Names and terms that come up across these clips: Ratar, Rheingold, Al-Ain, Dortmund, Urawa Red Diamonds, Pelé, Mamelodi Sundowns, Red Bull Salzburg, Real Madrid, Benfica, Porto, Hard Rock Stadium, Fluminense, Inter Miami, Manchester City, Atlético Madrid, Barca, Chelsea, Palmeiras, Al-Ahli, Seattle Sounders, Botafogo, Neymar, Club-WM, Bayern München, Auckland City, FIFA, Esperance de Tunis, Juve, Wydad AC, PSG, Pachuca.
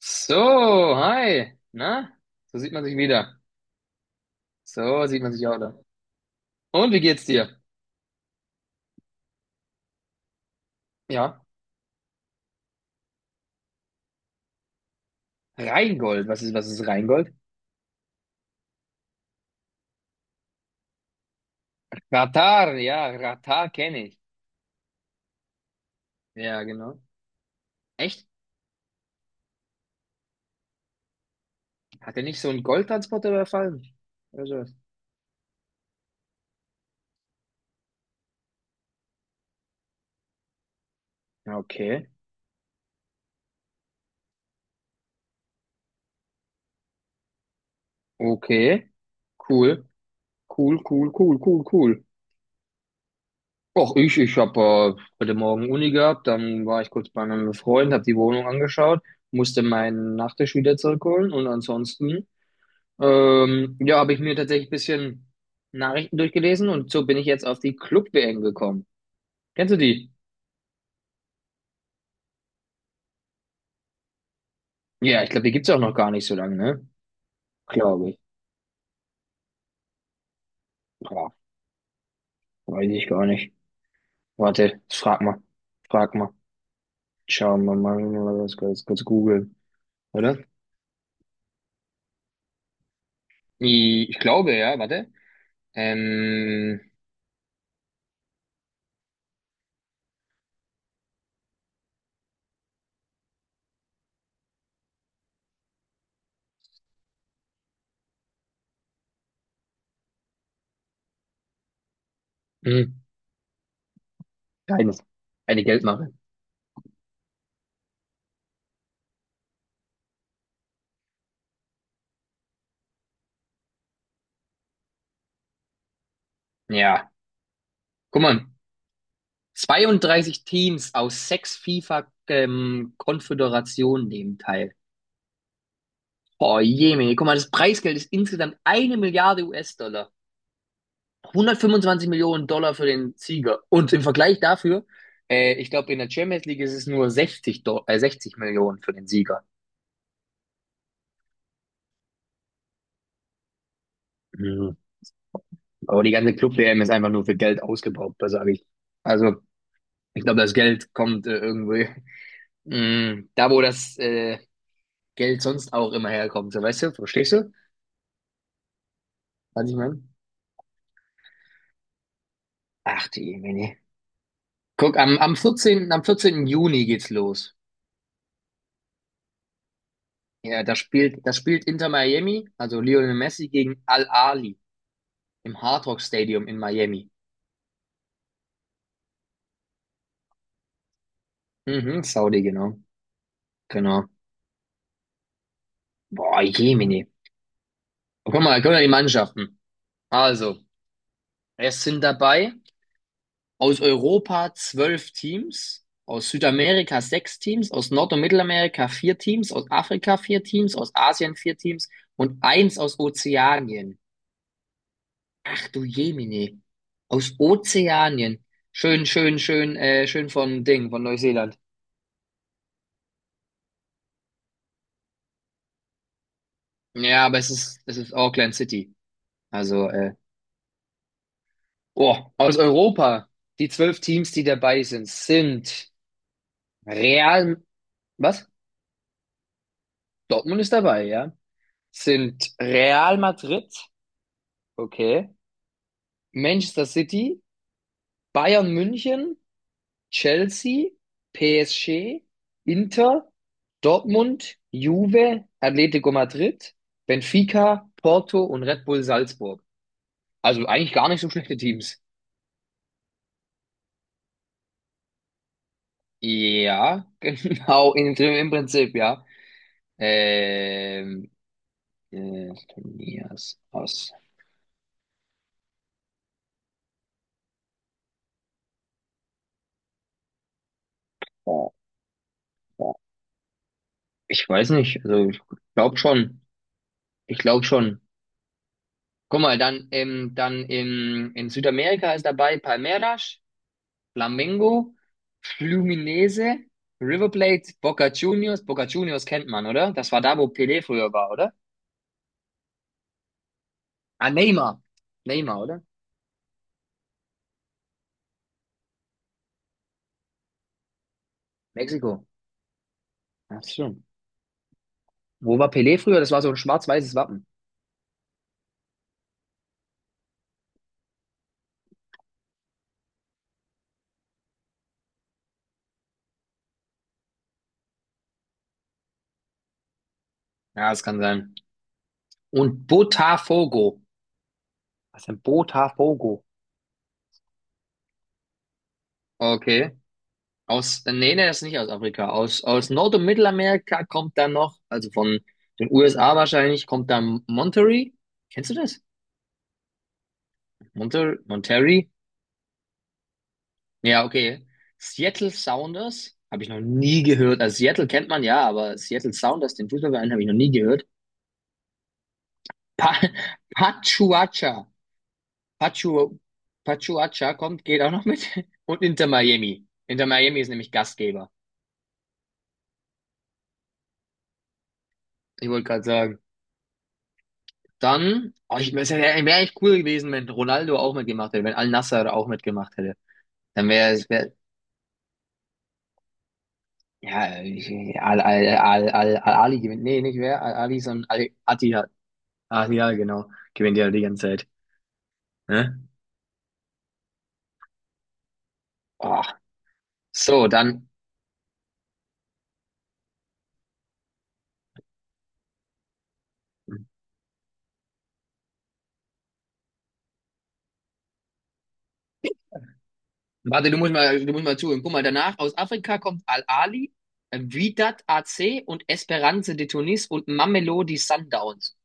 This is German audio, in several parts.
So, hi. Na, so sieht man sich wieder. So sieht man sich auch da. Und wie geht's dir? Ja, Rheingold. Was ist Rheingold? Ratar, ja, Ratar kenne ich. Ja, genau. Echt? Hat er nicht so einen Goldtransporter überfallen? Oder sowas? Ja, okay, okay. Cool, cool, cool, cool, cool, cool. Och, ich habe heute Morgen Uni gehabt, dann war ich kurz bei einem Freund, habe die Wohnung angeschaut, musste meinen Nachtisch wieder zurückholen und ansonsten. Ja, habe ich mir tatsächlich ein bisschen Nachrichten durchgelesen und so bin ich jetzt auf die Club-WM gekommen. Kennst du die? Ja, ich glaube, die gibt's auch noch gar nicht so lange, ne? Glaube ich. Boah, weiß ich gar nicht. Warte, frag mal. Frag mal. Schauen wir mal, lass kurz googeln, oder? Ich glaube, ja, warte. Ähm, hm, eines. Eine Geldmache. Ja, guck mal. 32 Teams aus sechs FIFA, Konföderationen nehmen teil. Oh je, Mann. Guck mal, das Preisgeld ist insgesamt eine Milliarde US-Dollar. 125 Millionen Dollar für den Sieger. Und im Vergleich dafür, ich glaube, in der Champions League ist es nur 60 Millionen für den Sieger. Mhm. Aber die ganze Club-WM ist einfach nur für Geld ausgebaut, das sage ich. Also, ich glaube, das Geld kommt irgendwie da, wo das Geld sonst auch immer herkommt. So, weißt du, verstehst du, was ich meine? Ach, die Jemine. Guck, am 14. Juni geht's los. Ja, das spielt Inter Miami, also Lionel Messi gegen Al-Ahli im Hard Rock Stadium in Miami. Mhm, Saudi, genau. Genau. Boah, Jemine. Guck mal die Mannschaften. Also, es sind dabei aus Europa 12 Teams, aus Südamerika sechs Teams, aus Nord- und Mittelamerika vier Teams, aus Afrika vier Teams, aus Asien vier Teams und eins aus Ozeanien. Ach du Jemine. Aus Ozeanien. Schön, schön, schön, schön von Ding, von Neuseeland. Ja, aber es ist Auckland City. Also, oh, aus Europa, die 12 Teams, die dabei sind, sind Real, was? Dortmund ist dabei, ja. Sind Real Madrid, okay. Manchester City, Bayern München, Chelsea, PSG, Inter, Dortmund, Juve, Atlético Madrid, Benfica, Porto und Red Bull Salzburg. Also eigentlich gar nicht so schlechte Teams. Ja, genau, im Prinzip, ja. Ähm, Turniers aus. Boah, boah. Ich weiß nicht, also ich glaube schon. Ich glaube schon. Guck mal, dann, dann in Südamerika ist dabei Palmeiras, Flamengo, Fluminense, River Plate, Boca Juniors. Boca Juniors kennt man, oder? Das war da, wo Pelé früher war, oder? Ah, Neymar. Neymar, oder? Mexiko. Ach so. Wo war Pelé früher? Das war so ein schwarz-weißes Wappen. Ja, das kann sein. Und Botafogo. Was denn Botafogo? Okay. Nee, nee, das ist nicht aus Afrika. Aus Nord- und Mittelamerika kommt dann noch, also von den USA wahrscheinlich, kommt dann Monterrey. Kennst du das? Monterrey? Ja, okay. Seattle Sounders habe ich noch nie gehört. Also Seattle kennt man ja, aber Seattle Sounders, den Fußballverein, habe ich noch nie gehört. Pa Pachuacha. Pachu Pachuacha kommt, geht auch noch mit. Und Inter Miami. Inter Miami ist nämlich Gastgeber. Ich wollte gerade sagen, dann, oh, es wär echt cool gewesen, wenn Ronaldo auch mitgemacht hätte, wenn Al-Nassr auch mitgemacht hätte. Dann wäre es, ja, Al-Ali gewinnt. Nee, nicht wer, Al-Ali, sondern Al-Attihad. Ah, ja, genau. Gewinnt ja die ganze Zeit. Ne? Oh. So, dann, warte, du musst mal zuhören. Guck mal, danach aus Afrika kommt Al-Ali, Wydad AC und Esperance de Tunis und Mamelodi Sundowns.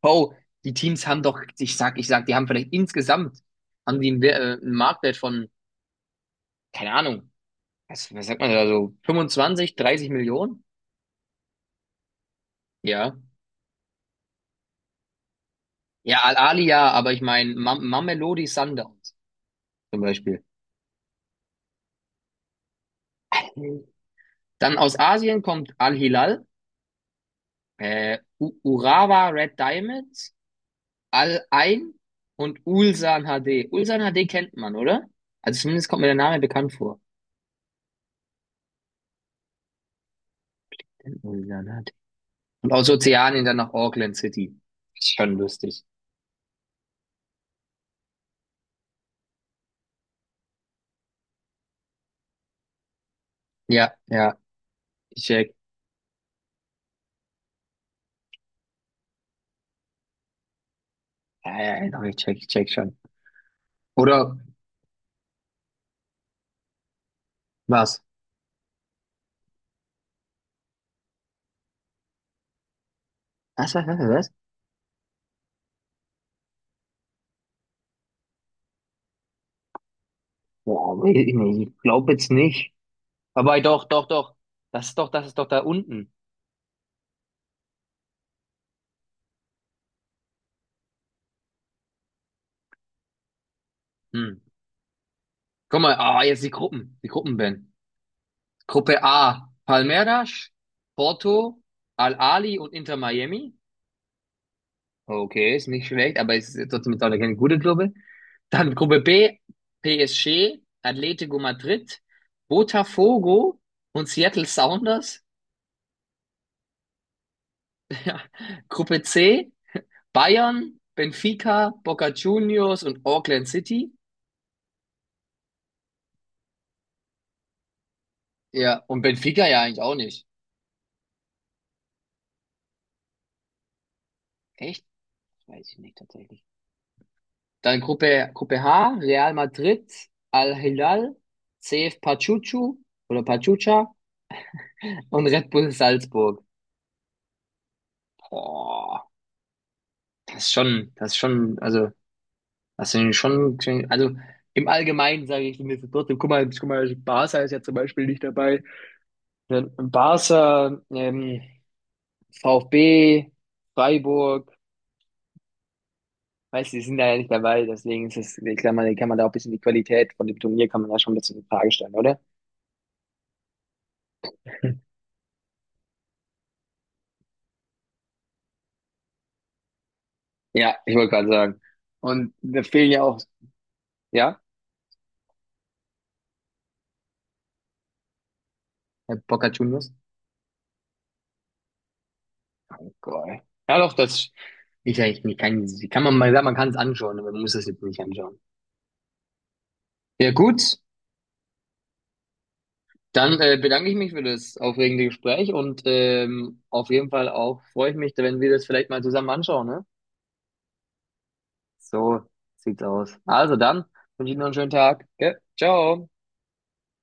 Bro, die Teams haben doch, ich sag, die haben vielleicht insgesamt, haben die einen, einen Marktwert von, keine Ahnung, was sagt man da so, 25, 30 Millionen? Ja. Ja, Al-Ahli ja, aber ich meine, Mamelodi Sundowns zum Beispiel. Dann aus Asien kommt Al-Hilal, Urawa Red Diamonds, Al-Ain und Ulsan HD. Ulsan HD kennt man, oder? Also zumindest kommt mir der Name bekannt vor. Ulsan Und aus Ozeanien dann nach Auckland City. Ist schon lustig. Ja, ja, ich check. Ja, ja, ja, doch, ich check schon. Oder was? Was, was, was, was? Boah, ich glaube jetzt nicht. Aber doch, doch, doch. Das ist doch da unten. Hm. Guck mal, ah, jetzt die Gruppen, Ben. Gruppe A, Palmeiras, Porto, Al-Ahli und Inter Miami. Okay, ist nicht schlecht, aber es ist trotzdem jetzt auch keine gute Gruppe. Dann Gruppe B, PSG, Atlético Madrid, Botafogo und Seattle Sounders. Gruppe C, Bayern, Benfica, Boca Juniors und Auckland City. Ja, und Benfica ja eigentlich auch nicht. Echt? Weiß ich nicht tatsächlich. Dann Gruppe H, Real Madrid, Al Hilal, CF Pachuchu oder Pachuca und Red Bull Salzburg. Boah. Das ist schon, also, das sind schon, also im Allgemeinen sage ich mir trotzdem, guck mal, Barca ist ja zum Beispiel nicht dabei. Dann Barca, VfB, Freiburg, weißt du, die sind da ja nicht dabei, deswegen ist es, ich glaube, man kann man da auch ein bisschen die Qualität von dem Turnier kann man da schon ein bisschen in Frage stellen, oder? Ja, ich wollte gerade sagen. Und da fehlen ja auch, ja, Herr Boca Juniors. Geil. Ja, doch, das, ich, ich ich kann, kann man mal sagen, man kann es anschauen, aber man muss es jetzt nicht anschauen. Ja, gut. Dann bedanke ich mich für das aufregende Gespräch und auf jeden Fall auch freue ich mich, wenn wir das vielleicht mal zusammen anschauen, ne? So sieht's aus. Also dann, wünsche ich noch einen schönen Tag. Gell? Ciao.